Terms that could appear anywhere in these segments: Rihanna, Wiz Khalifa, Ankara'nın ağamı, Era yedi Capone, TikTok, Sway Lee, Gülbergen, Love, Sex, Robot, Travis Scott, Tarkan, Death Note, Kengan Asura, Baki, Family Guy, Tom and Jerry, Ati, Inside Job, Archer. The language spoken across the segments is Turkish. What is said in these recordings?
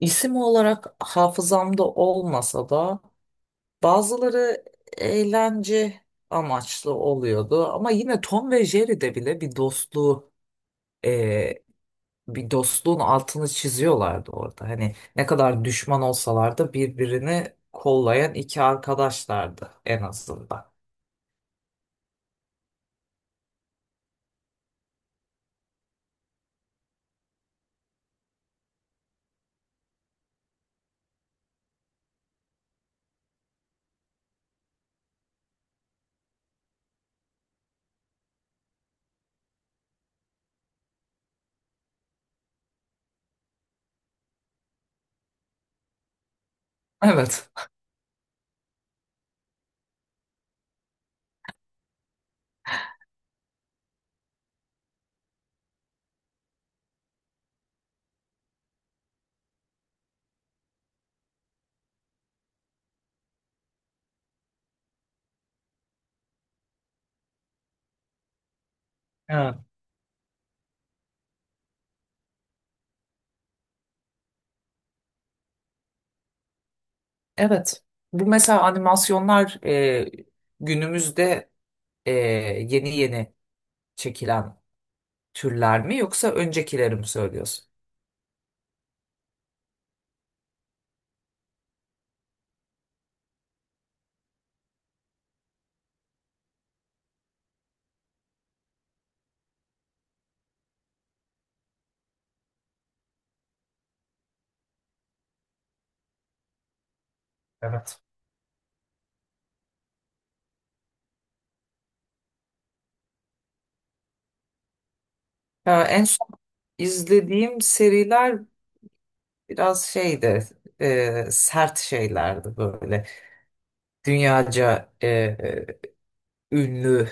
İsim olarak hafızamda olmasa da bazıları eğlence amaçlı oluyordu. Ama yine Tom ve Jerry'de bile e, bir dostluğun altını çiziyorlardı orada. Hani ne kadar düşman olsalar da birbirini kollayan iki arkadaşlardı en azından. Evet. Ha. Evet. Bu mesela animasyonlar günümüzde e, yeni yeni çekilen türler mi yoksa öncekileri mi söylüyorsun? Evet. Ya en son izlediğim seriler biraz şeydi, sert şeylerdi böyle. Dünyaca ünlü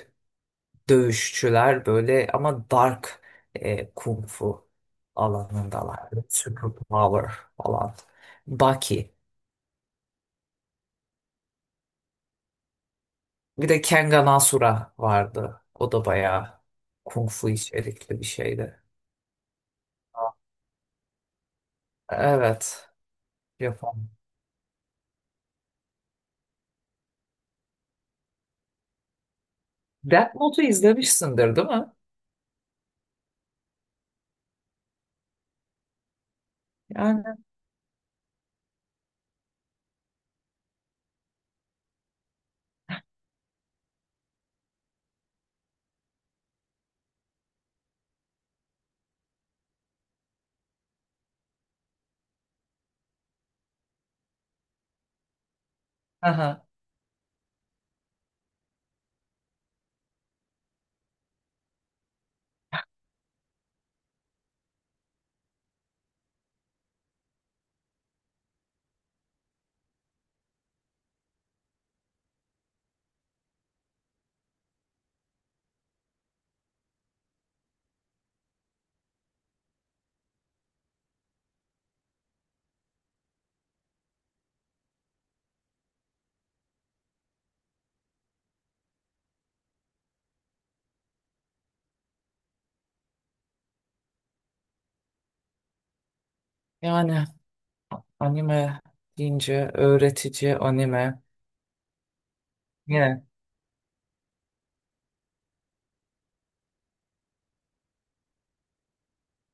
dövüşçüler böyle ama dark, kung fu alanındalardı. Super Power falan. Baki. Bir de Kengan Asura vardı. O da bayağı kung fu içerikli bir şeydi. Evet. Japon. Death Note'u izlemişsindir değil mi? Yani. Aha. Yani anime deyince öğretici anime. Yine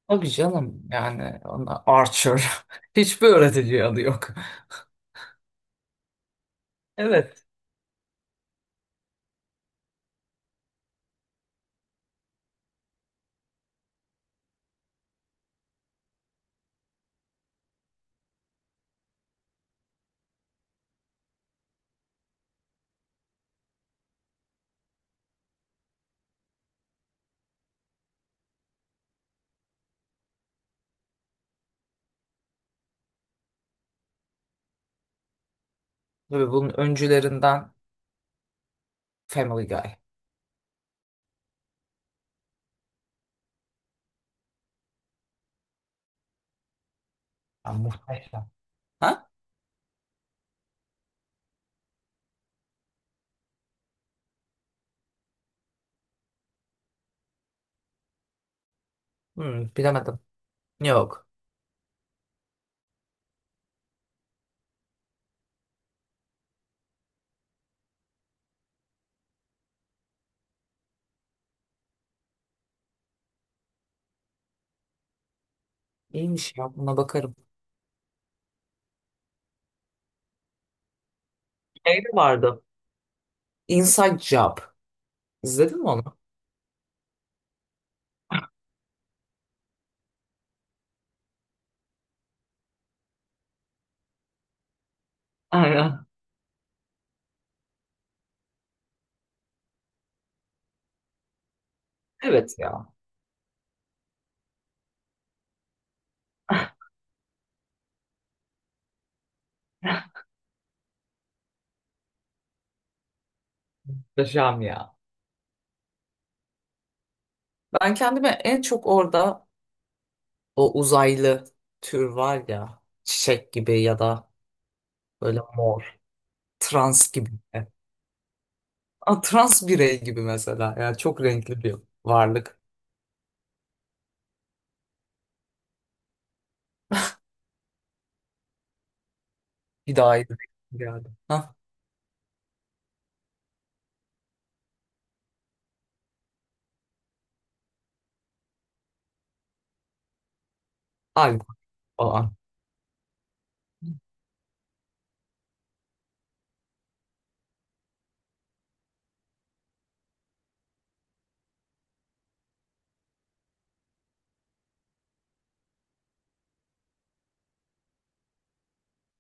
tabii canım yani ona Archer. Hiçbir öğretici adı yok. Evet. Tabii bunun öncülerinden Family Guy. Ya muhteşem. Ha? Hmm, bilemedim. Yok. İyiymiş ya buna bakarım. Şey de vardı. Inside Job. İzledin mi onu? Aynen. Evet ya. Muhteşem ya. Ben kendime en çok orada o uzaylı tür var ya. Çiçek gibi ya da böyle mor. Trans gibi. A, trans birey gibi mesela. Yani çok renkli bir varlık. Bir daha iyi bir şey geldi. Hah, Alp falan.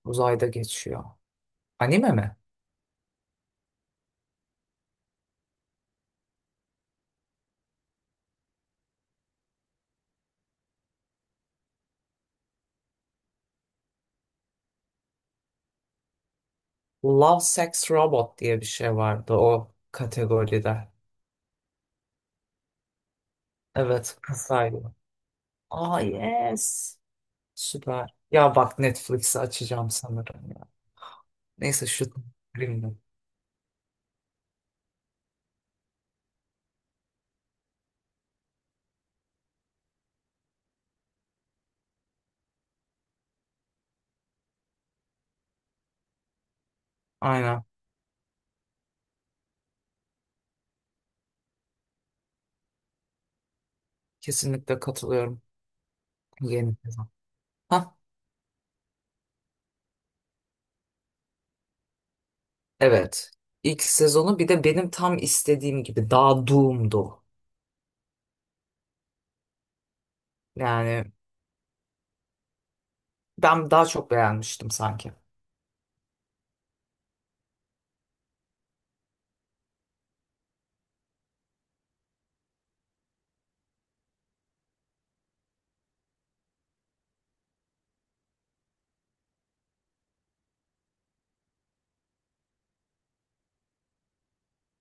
Uzayda geçiyor. Anime mi? Love, Sex, Robot diye bir şey vardı o kategoride. Evet, kısaydı. Aa yes. Süper. Ya bak Netflix'i açacağım sanırım ya. Neyse şu filmde. Aynen. Kesinlikle katılıyorum. Yeni sezon. Hah, evet. İlk sezonu bir de benim tam istediğim gibi daha doom'du. Yani ben daha çok beğenmiştim sanki.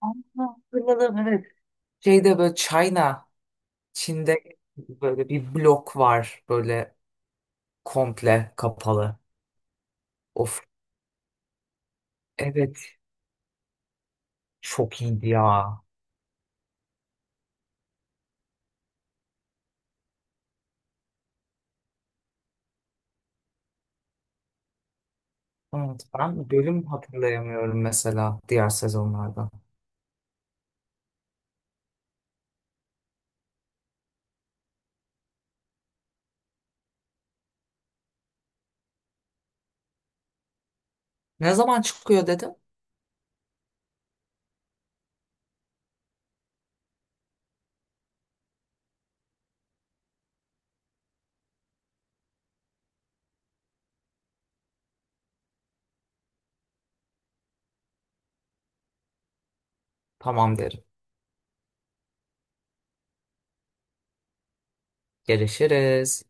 Aa, hatırladım evet. Şeyde böyle China, Çin'de böyle bir blok var böyle komple kapalı. Of, evet çok iyiydi ya. Evet, ben bölüm hatırlayamıyorum mesela diğer sezonlarda. Ne zaman çıkıyor dedim. Tamam derim. Görüşürüz.